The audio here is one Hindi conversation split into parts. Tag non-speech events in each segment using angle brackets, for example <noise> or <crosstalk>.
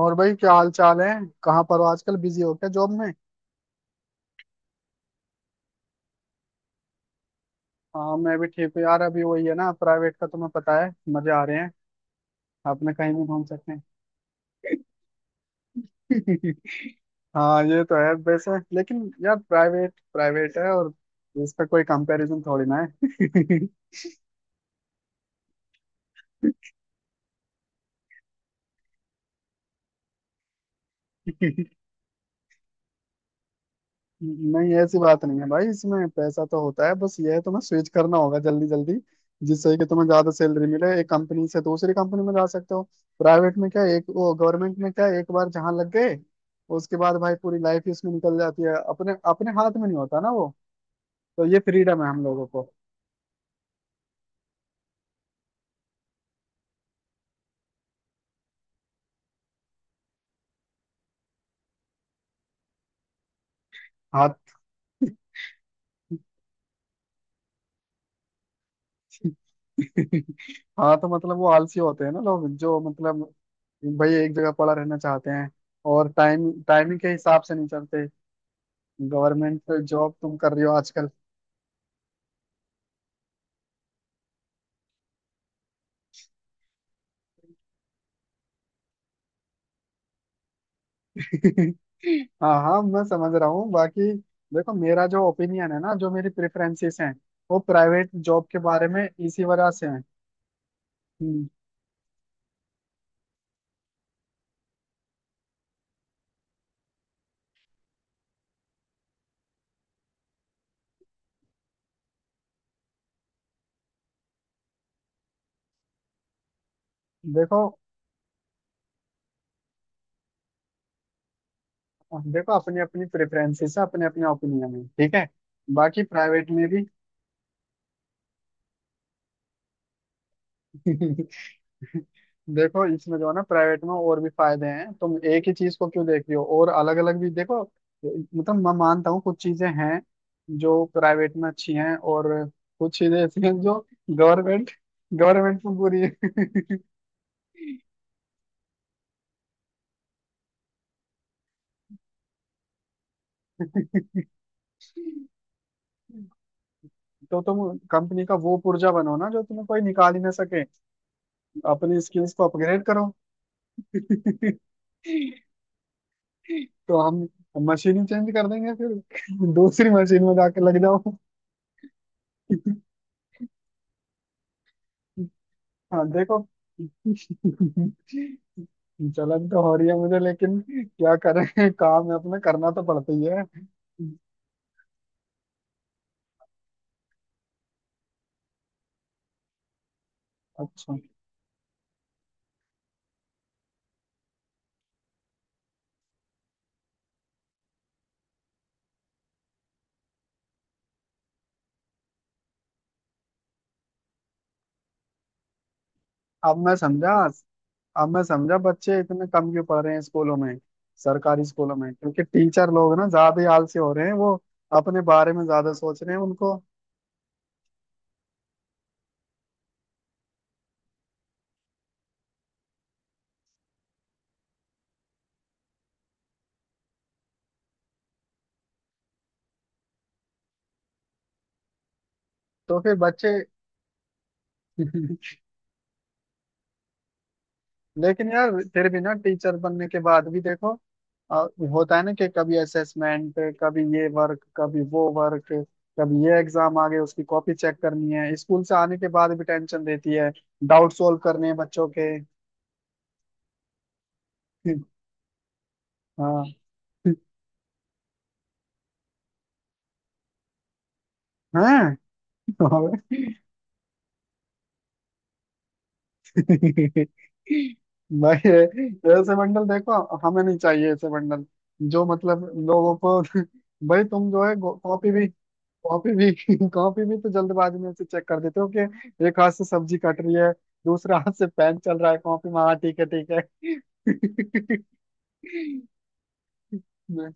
और भाई, क्या हाल चाल है? कहाँ पर हो? आजकल बिजी हो क्या जॉब में? हाँ, मैं भी ठीक हूँ यार। अभी वही है ना, प्राइवेट का तुम्हें पता है, मजे आ रहे हैं। अपने कहीं भी घूम सकते हैं। <laughs> हाँ, ये तो है वैसे, लेकिन यार, प्राइवेट प्राइवेट है और इसका कोई कंपैरिजन थोड़ी ना। है। <laughs> नहीं, ऐसी बात नहीं है भाई, इसमें पैसा तो होता है। बस ये है, तुम्हें स्विच करना होगा जल्दी जल्दी, जिससे कि तुम्हें ज्यादा सैलरी मिले। एक कंपनी से दूसरी कंपनी में जा सकते हो। प्राइवेट में क्या है, एक वो, गवर्नमेंट में क्या है, एक बार जहाँ लग गए उसके बाद भाई पूरी लाइफ ही उसमें निकल जाती है। अपने अपने हाथ में नहीं होता ना वो। तो ये फ्रीडम है हम लोगों को। हाथ। <laughs> हाँ, तो मतलब वो आलसी होते हैं ना लोग, जो मतलब भाई एक जगह पड़ा रहना चाहते हैं और टाइमिंग के हिसाब से नहीं चलते। गवर्नमेंट जॉब तुम कर रही हो आजकल? हाँ हाँ, मैं समझ रहा हूँ। बाकी देखो, मेरा जो ओपिनियन है ना, जो मेरी प्रेफरेंसेस हैं, वो प्राइवेट जॉब के बारे में इसी वजह से हैं। हम्म। देखो देखो, अपनी अपनी प्रेफरेंसेस है, अपने अपने ओपिनियन है, ठीक है। बाकी प्राइवेट में भी। <laughs> देखो, इसमें जो है ना, प्राइवेट में और भी फायदे हैं। तुम एक ही चीज को क्यों देख रही हो? और अलग अलग भी देखो। मतलब मैं मानता हूँ कुछ चीजें हैं जो प्राइवेट में अच्छी हैं, और कुछ चीजें ऐसी हैं जो गवर्नमेंट गवर्नमेंट में बुरी है। <laughs> तो तुम कंपनी का वो पुर्जा बनो ना जो तुम्हें कोई निकाल ही ना सके। अपनी स्किल्स को अपग्रेड करो। <laughs> तो हम मशीन ही चेंज कर देंगे फिर। <laughs> दूसरी मशीन में जाके लग जाओ। <laughs> हाँ, देखो। <laughs> जलन तो हो रही है मुझे, लेकिन क्या करें, काम है अपना, करना तो पड़ता ही है। अच्छा। अब मैं समझा, अब मैं समझा बच्चे इतने कम क्यों पढ़ रहे हैं स्कूलों में। सरकारी स्कूलों में, क्योंकि टीचर लोग ना ज्यादा ही आलसी हो रहे हैं। वो अपने बारे में ज्यादा सोच रहे हैं उनको। तो फिर बच्चे। <laughs> लेकिन यार, फिर भी ना टीचर बनने के बाद भी देखो, अ, होता है ना कि कभी असेसमेंट, कभी ये वर्क, कभी वो वर्क, कभी ये एग्जाम आ गए उसकी कॉपी चेक करनी है, स्कूल से आने के बाद भी टेंशन रहती है। डाउट सोल्व करने हैं बच्चों के। <laughs> हाँ हाँ। भाई ऐसे बंडल, देखो, हमें नहीं चाहिए ऐसे बंडल जो मतलब लोगों को। <laughs> भाई तुम जो है, कॉपी भी, कॉपी भी, <laughs> कॉपी भी तो जल्दबाजी में से चेक कर देते हो कि एक हाथ से सब्जी कट रही है, दूसरा हाथ से पेन चल रहा है कॉपी में। हाँ ठीक है, ठीक है। <laughs>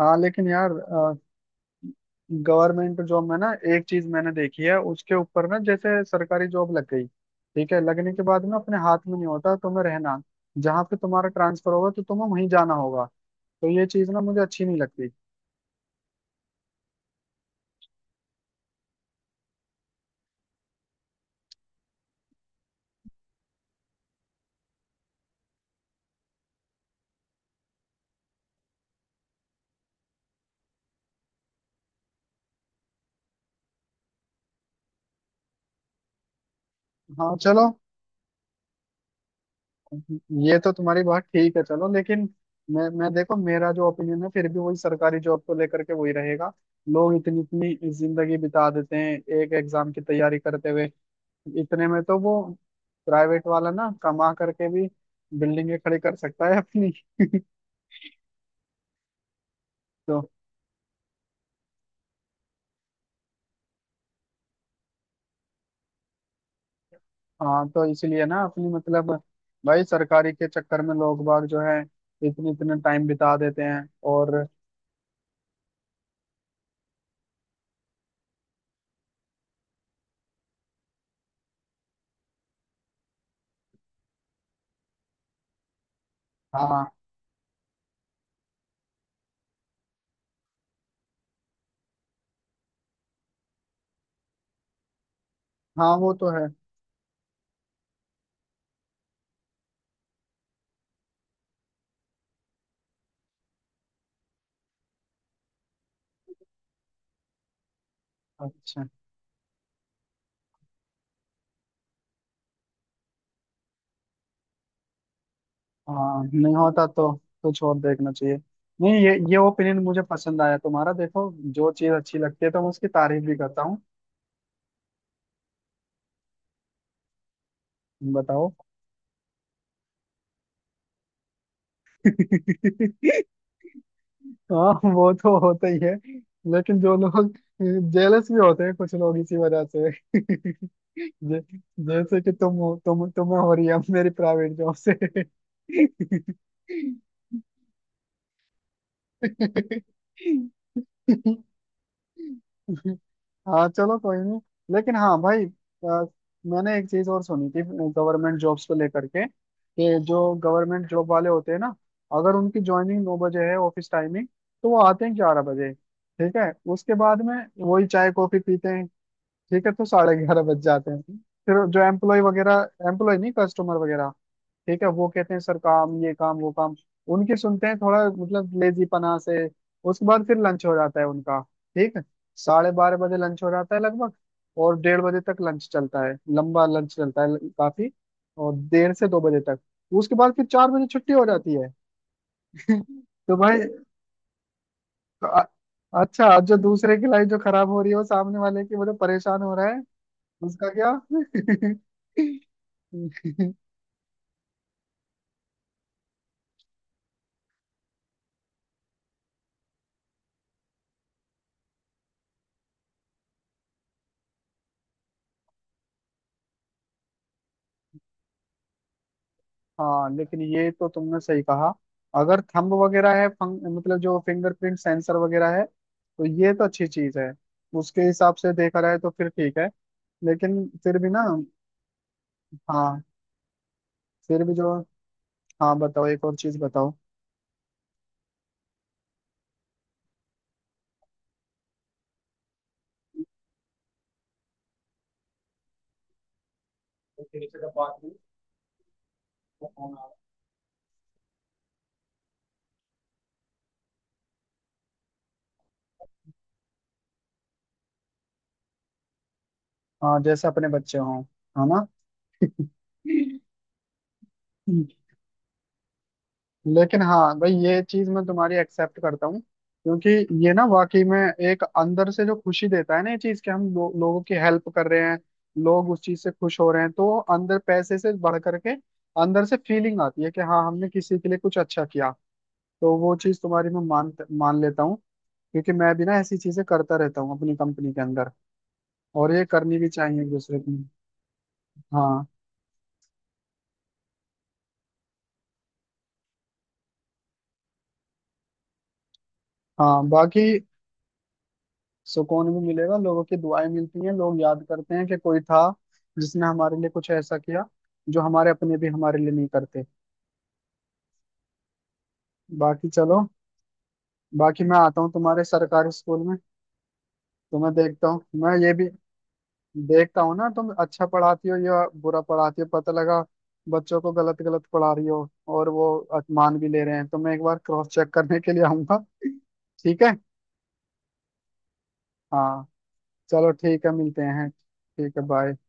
हाँ, लेकिन यार, गवर्नमेंट जॉब में ना एक चीज मैंने देखी है उसके ऊपर ना। जैसे सरकारी जॉब लग गई, ठीक है, लगने के बाद में अपने हाथ में नहीं होता तुम्हें रहना। जहाँ पे तुम्हारा ट्रांसफर होगा तो तुम्हें वहीं जाना होगा। तो ये चीज ना मुझे अच्छी नहीं लगती। हाँ चलो, ये तो तुम्हारी बात ठीक है, चलो लेकिन मैं देखो, मेरा जो ओपिनियन है फिर भी वही सरकारी जॉब को लेकर के वही रहेगा। लोग इतनी इतनी जिंदगी बिता देते हैं एक एग्जाम की तैयारी करते हुए। इतने में तो वो प्राइवेट वाला ना कमा करके भी बिल्डिंगें खड़ी कर सकता है अपनी। <laughs> तो हाँ, तो इसलिए ना अपनी, मतलब भाई सरकारी के चक्कर में लोग बाग जो है इतने इतने टाइम बिता देते हैं और हाँ। हाँ, वो तो है। अच्छा। हाँ, नहीं होता तो कुछ और देखना चाहिए। नहीं, ये ओपिनियन मुझे पसंद आया तुम्हारा। देखो, जो चीज अच्छी लगती है तो मैं उसकी तारीफ भी करता हूँ। बताओ। <laughs> हाँ, वो तो होता ही है, लेकिन जो लोग जेलस भी होते हैं कुछ लोग इसी वजह से। <laughs> जे, जैसे कि तुम्हें हो रही है अब मेरी प्राइवेट जॉब से। <laughs> हाँ चलो, कोई नहीं। लेकिन हाँ भाई, मैंने एक चीज और सुनी थी गवर्नमेंट जॉब्स को लेकर के कि जो गवर्नमेंट जॉब वाले होते हैं ना, अगर उनकी ज्वाइनिंग 9 बजे है, ऑफिस टाइमिंग, तो वो आते हैं 11 बजे, ठीक है। उसके बाद में वही चाय कॉफी पीते हैं, ठीक है, तो 11:30 बज जाते हैं। फिर जो एम्प्लॉय वगैरह, एम्प्लॉय नहीं, कस्टमर वगैरह, ठीक है, वो कहते हैं सर काम ये, काम वो, काम उनकी सुनते हैं थोड़ा, मतलब लेजीपना से। उसके बाद फिर लंच हो जाता है उनका, ठीक है। 12:30 बजे लंच हो जाता है लगभग, और 1:30 बजे तक लंच चलता है, लंबा लंच चलता है काफी। और 1:30 से 2 बजे तक। उसके बाद फिर 4 बजे छुट्टी हो जाती है। <laughs> तो भाई, अ- अच्छा, अब जो दूसरे की लाइफ जो खराब हो रही है वो सामने वाले की, वो जो परेशान हो रहा है उसका क्या? <laughs> हाँ, लेकिन ये तो तुमने सही कहा। अगर थंब वगैरह है, मतलब जो फिंगरप्रिंट सेंसर वगैरह है, तो ये तो अच्छी चीज है। उसके हिसाब से देखा जाए तो फिर ठीक है। लेकिन फिर भी ना, हाँ फिर भी जो, हाँ बताओ, एक और चीज बताओ। हाँ, जैसे अपने बच्चे हों, है ना? लेकिन हाँ भाई, ये चीज मैं तुम्हारी एक्सेप्ट करता हूँ, क्योंकि ये ना वाकई में एक अंदर से जो खुशी देता है ना ये चीज, कि हम लोगों की हेल्प कर रहे हैं, लोग उस चीज से खुश हो रहे हैं। तो अंदर पैसे से बढ़ करके अंदर से फीलिंग आती है कि हाँ, हमने किसी के लिए कुछ अच्छा किया। तो वो चीज तुम्हारी मैं मान मान लेता हूँ। क्योंकि मैं भी ना ऐसी चीजें करता रहता हूँ अपनी कंपनी के अंदर। और ये करनी भी चाहिए एक दूसरे की। हाँ हाँ। बाकी सुकून भी मिलेगा, लोगों की दुआएं मिलती हैं, लोग याद करते हैं कि कोई था जिसने हमारे लिए कुछ ऐसा किया जो हमारे अपने भी हमारे लिए नहीं करते। बाकी चलो। बाकी मैं आता हूँ तुम्हारे सरकारी स्कूल में। तो मैं देखता हूँ, मैं ये भी देखता हूँ ना तुम अच्छा पढ़ाती हो या बुरा पढ़ाती हो। पता लगा बच्चों को गलत गलत पढ़ा रही हो और वो मान भी ले रहे हैं। तो मैं एक बार क्रॉस चेक करने के लिए आऊंगा, ठीक है? हाँ चलो, ठीक है, मिलते हैं, ठीक है, बाय।